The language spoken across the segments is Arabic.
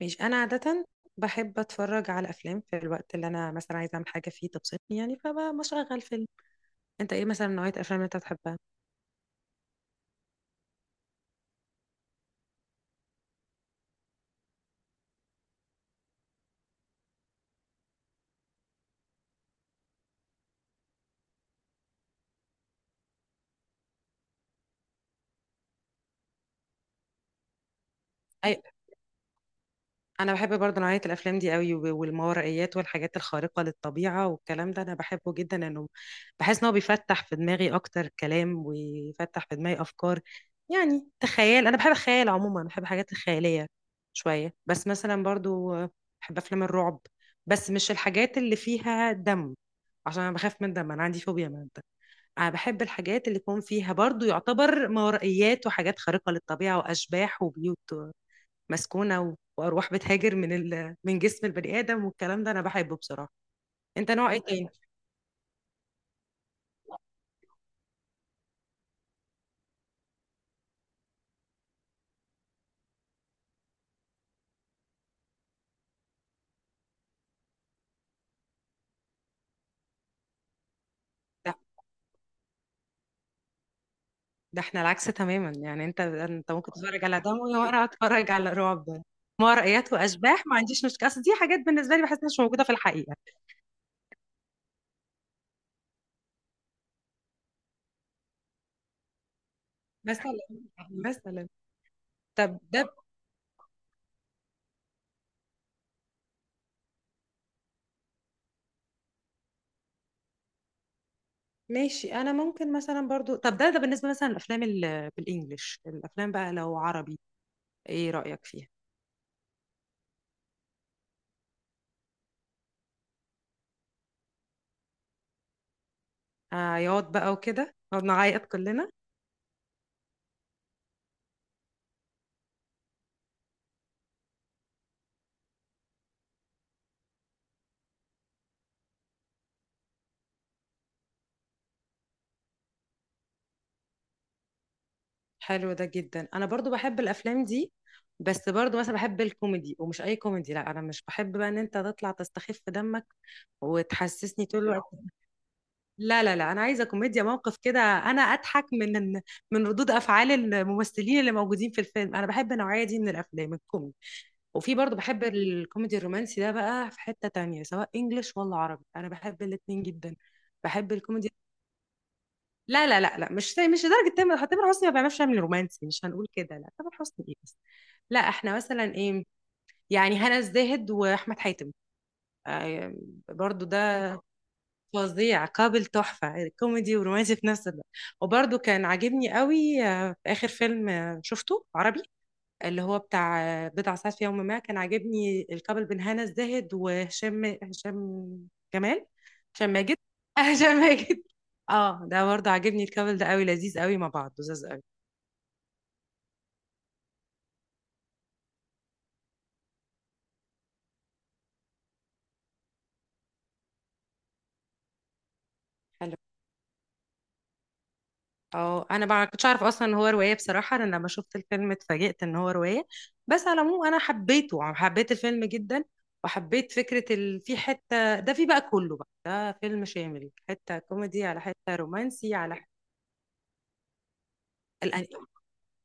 ماشي، انا عاده بحب اتفرج على افلام في الوقت اللي انا مثلا عايزه اعمل حاجه فيه تبسطني، يعني فبشغل فيلم. انت ايه مثلا نوعيه الافلام اللي انت بتحبها؟ انا بحب برضه نوعيه الافلام دي قوي والماورائيات والحاجات الخارقه للطبيعه والكلام ده انا بحبه جدا، انه بحس ان هو بيفتح في دماغي اكتر كلام ويفتح في دماغي افكار. يعني تخيل، انا بحب الخيال عموما، بحب الحاجات الخياليه شويه. بس مثلا برضه بحب افلام الرعب، بس مش الحاجات اللي فيها دم، عشان انا بخاف من الدم، انا عندي فوبيا من الدم. انا بحب الحاجات اللي يكون فيها برضه يعتبر ماورائيات وحاجات خارقه للطبيعه واشباح وبيوت مسكونة وأرواح بتهاجر من جسم البني آدم، والكلام ده أنا بحبه بصراحة. أنت نوع إيه تاني؟ ده, ده إحنا العكس تماما، يعني أنت ممكن تتفرج على دم وأنا أتفرج على رعب، مرئيات وأشباح، ما عنديش مشكلة، أصل دي حاجات بالنسبة لي بحس إنها مش موجودة في الحقيقة. مثلا مثلا طب ده ماشي، أنا ممكن مثلا برضو، طب ده بالنسبة مثلا بالإنجلش، الأفلام بقى لو عربي، إيه رأيك فيها؟ عياط بقى وكده نقعد نعيط كلنا. حلو ده جدا، انا برضو بحب الافلام دي. بس برضو مثلا بحب الكوميدي، ومش اي كوميدي، لا انا مش بحب بقى ان انت تطلع تستخف دمك وتحسسني طول الوقت. لا، لا، لا، انا عايزه كوميديا موقف كده، انا اضحك من ردود افعال الممثلين اللي موجودين في الفيلم، انا بحب النوعيه دي من الافلام الكوميدي. وفي برضو بحب الكوميدي الرومانسي، ده بقى في حته تانية سواء انجليش ولا عربي، انا بحب الاتنين جدا. بحب الكوميدي. لا، لا، لا، لا، مش لدرجه تامر حسني ما بيعملش، يعمل رومانسي مش هنقول كده، لا تامر حسني ايه بس. لا احنا مثلا ايه، يعني هنا الزاهد واحمد حاتم، آه، برضو ده فظيع، قابل تحفه كوميدي ورومانسي في نفس الوقت. وبرضو كان عاجبني قوي، في اخر فيلم شفته عربي، اللي هو بتاع بضع ساعات في يوم ما، كان عاجبني الكابل بين هنا الزاهد وهشام هشام جمال هشام ماجد هشام ماجد. اه ده برضه عاجبني الكابل ده قوي، لذيذ قوي مع بعض، لذيذ قوي. حلو. اه انا ما كنتش اعرف اصلا ان هو روايه، بصراحه انا لما شفت الفيلم اتفاجئت ان هو روايه. بس على العموم انا حبيته، حبيت الفيلم جدا. وحبيت فكره في حته ده، في بقى كله، بقى ده فيلم شامل، حته كوميدي على حته رومانسي الأن...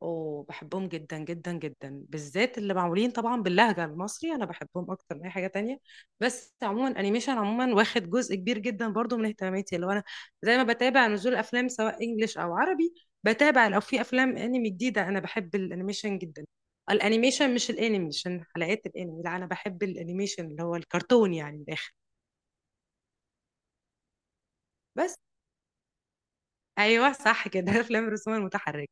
اوه بحبهم جدا جدا جدا، بالذات اللي معمولين طبعا باللهجة المصري، انا بحبهم اكتر من اي حاجة تانية. بس عموما انيميشن عموما واخد جزء كبير جدا برضو من اهتماماتي، اللي هو انا زي ما بتابع نزول افلام سواء انجليش او عربي، بتابع لو في افلام انمي جديدة، انا بحب الانيميشن جدا. الانيميشن مش الانمي، عشان حلقات الانمي، لا انا بحب الانيميشن اللي هو الكرتون يعني من الاخر. بس ايوه صح كده افلام الرسوم المتحركة.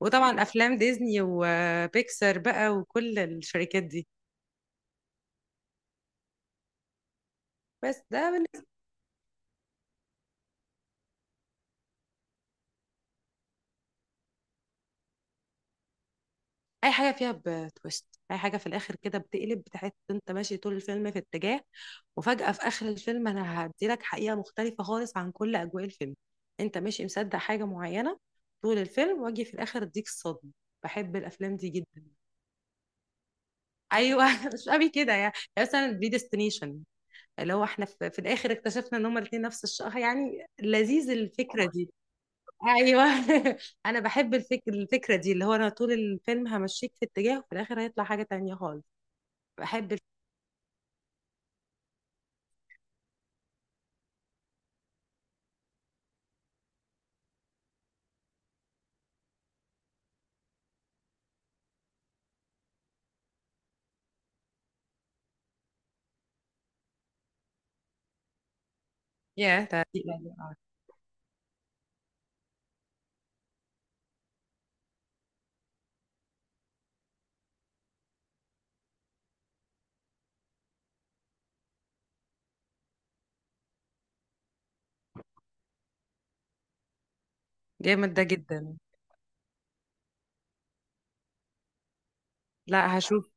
وطبعا افلام ديزني وبيكسار بقى وكل الشركات دي. بس ده بالنسبة، اي حاجه فيها بتويست، اي حاجه في الاخر كده بتقلب، بتحس إن انت ماشي طول الفيلم في اتجاه، وفجاه في اخر الفيلم انا هديلك حقيقه مختلفه خالص عن كل اجواء الفيلم، انت ماشي مصدق حاجه معينه طول الفيلم، واجي في الاخر اديك الصدمه. بحب الافلام دي جدا. ايوه مش قوي كده، يعني مثلا بريديستنيشن، اللي هو احنا في الاخر اكتشفنا ان هما الاثنين نفس الشخص، يعني لذيذ الفكره دي. ايوه انا بحب الفكره دي، اللي هو انا طول الفيلم همشيك في اتجاه، وفي الاخر هيطلع حاجه تانية خالص. بحب الفكره. يا ده دي يعني. آه. جامد ده جدا. لا هشوف.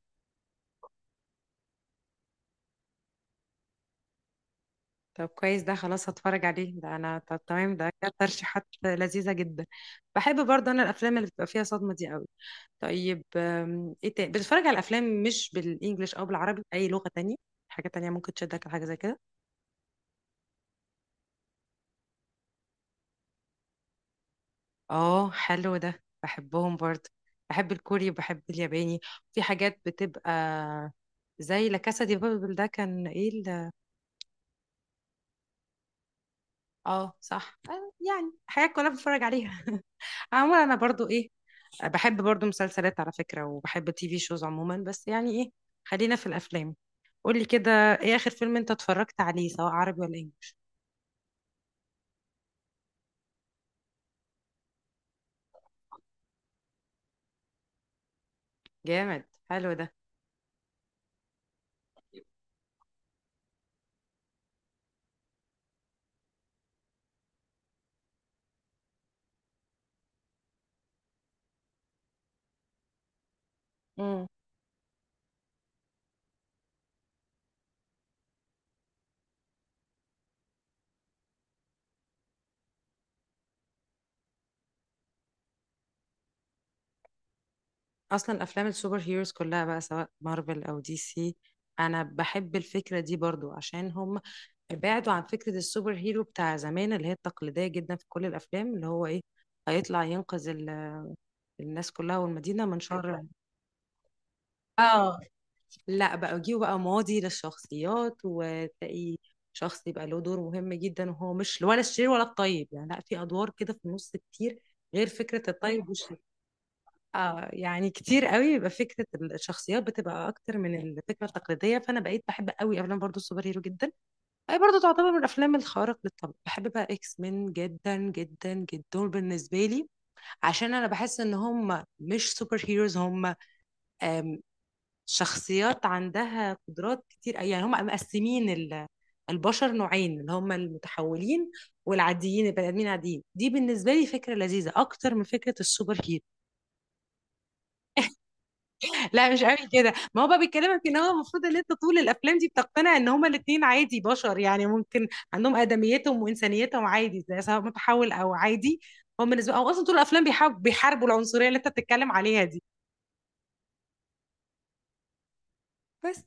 طب كويس ده، خلاص هتفرج عليه ده انا، طب تمام، ده كانت ترشيحات لذيذه جدا. بحب برضه انا الافلام اللي بتبقى فيها صدمه دي قوي. طيب، ايه تاني بتتفرج على الافلام مش بالانجلش او بالعربي، اي لغه تانية، حاجه تانية ممكن تشدك لحاجه زي كده؟ اه حلو ده بحبهم برضه. بحب الكوري وبحب الياباني. في حاجات بتبقى زي لا كاسا دي بابل، ده كان ايه اه صح، يعني حاجات كلها بتفرج عليها. عموما انا برضو ايه، بحب برضو مسلسلات على فكرة، وبحب التي في شوز عموما، بس يعني ايه، خلينا في الافلام. قولي كده، ايه اخر فيلم انت اتفرجت عليه سواء عربي ولا انجليش؟ جامد، حلو ده. مم. اصلا افلام السوبر هيروز كلها بقى سواء مارفل او دي سي، انا بحب الفكره دي برضو عشان هم بعدوا عن فكره السوبر هيرو بتاع زمان، اللي هي التقليديه جدا في كل الافلام، اللي هو ايه هيطلع ينقذ الناس كلها والمدينه من شر. اه لا بقى يجيبوا بقى ماضي للشخصيات وتلاقي شخص يبقى له دور مهم جدا، وهو مش ولا الشرير ولا الطيب، يعني لا في ادوار كده في النص كتير، غير فكره الطيب. اه يعني كتير قوي يبقى فكره الشخصيات بتبقى اكتر من الفكره التقليديه، فانا بقيت بحب قوي افلام برضو السوبر هيرو جدا. هي برضو تعتبر من الافلام الخارق للطبع. بحب بقى اكس مين جدا جدا جدا، دول بالنسبه لي عشان انا بحس ان هم مش سوبر هيروز، هم آم، شخصيات عندها قدرات كتير، يعني هم مقسمين البشر نوعين، اللي هم المتحولين والعاديين، البني ادمين عاديين، دي بالنسبه لي فكره لذيذه اكتر من فكره السوبر هيرو. لا مش قوي كده، ما هو بقى بيكلمك ان هو المفروض ان انت طول الافلام دي بتقتنع ان هما الاتنين عادي بشر، يعني ممكن عندهم ادميتهم وانسانيتهم عادي، زي سواء متحول او عادي. هو بالنسبه او اصلا طول الافلام بيحاربوا العنصريه اللي انت بتتكلم عليها دي. بس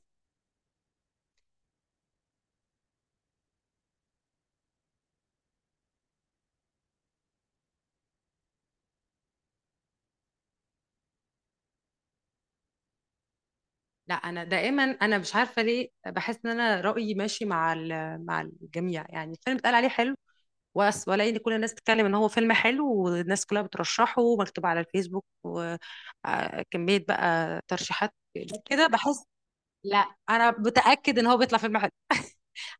لا انا دائما، انا مش عارفه ليه بحس ان انا رايي ماشي مع الجميع، يعني الفيلم اتقال عليه حلو، والاقي ان كل الناس بتتكلم ان هو فيلم حلو، والناس كلها بترشحه ومكتوب على الفيسبوك وكميه بقى ترشيحات كده بحس. لا انا متاكد ان هو بيطلع فيلم حلو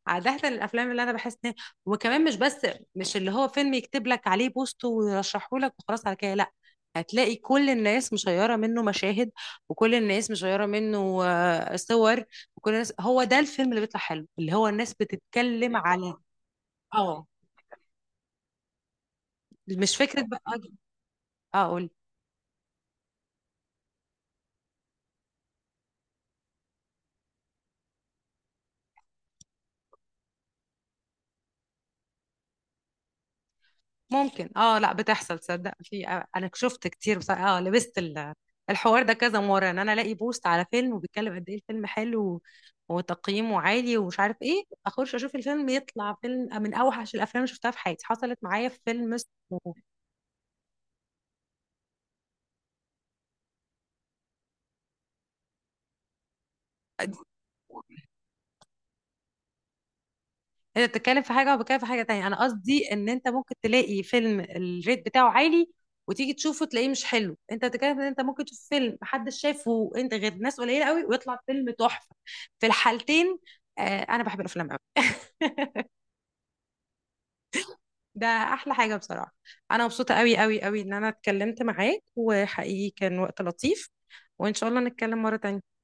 عاده الافلام اللي انا بحس ان، وكمان مش بس، مش اللي هو فيلم يكتب لك عليه بوست ويرشحه لك وخلاص على كده، لا، هتلاقي كل الناس مشيره منه مشاهد، وكل الناس مشيره منه صور، وكل الناس هو ده الفيلم اللي بيطلع حلو، اللي هو الناس بتتكلم على. اه مش فكره بقى. اه قولي. ممكن، اه لا بتحصل، تصدق في انا شفت كتير، بس اه لبست الحوار ده كذا مرة، ان انا الاقي بوست على فيلم وبيتكلم قد ايه الفيلم حلو وتقييمه عالي ومش عارف ايه، اخش اشوف الفيلم يطلع فيلم من اوحش الافلام اللي شفتها في حياتي. حصلت معايا في فيلم اسمه. انت بتتكلم في حاجه وبتكلم في حاجه تانية، انا قصدي ان انت ممكن تلاقي فيلم الريت بتاعه عالي، وتيجي تشوفه تلاقيه مش حلو. انت بتتكلم ان انت ممكن تشوف فيلم محدش شافه انت غير ناس قليله قوي ويطلع فيلم تحفه، في الحالتين. انا بحب الافلام قوي ده احلى حاجه بصراحه. انا مبسوطه قوي قوي قوي ان انا اتكلمت معاك، وحقيقي كان وقت لطيف، وان شاء الله نتكلم مره تانية.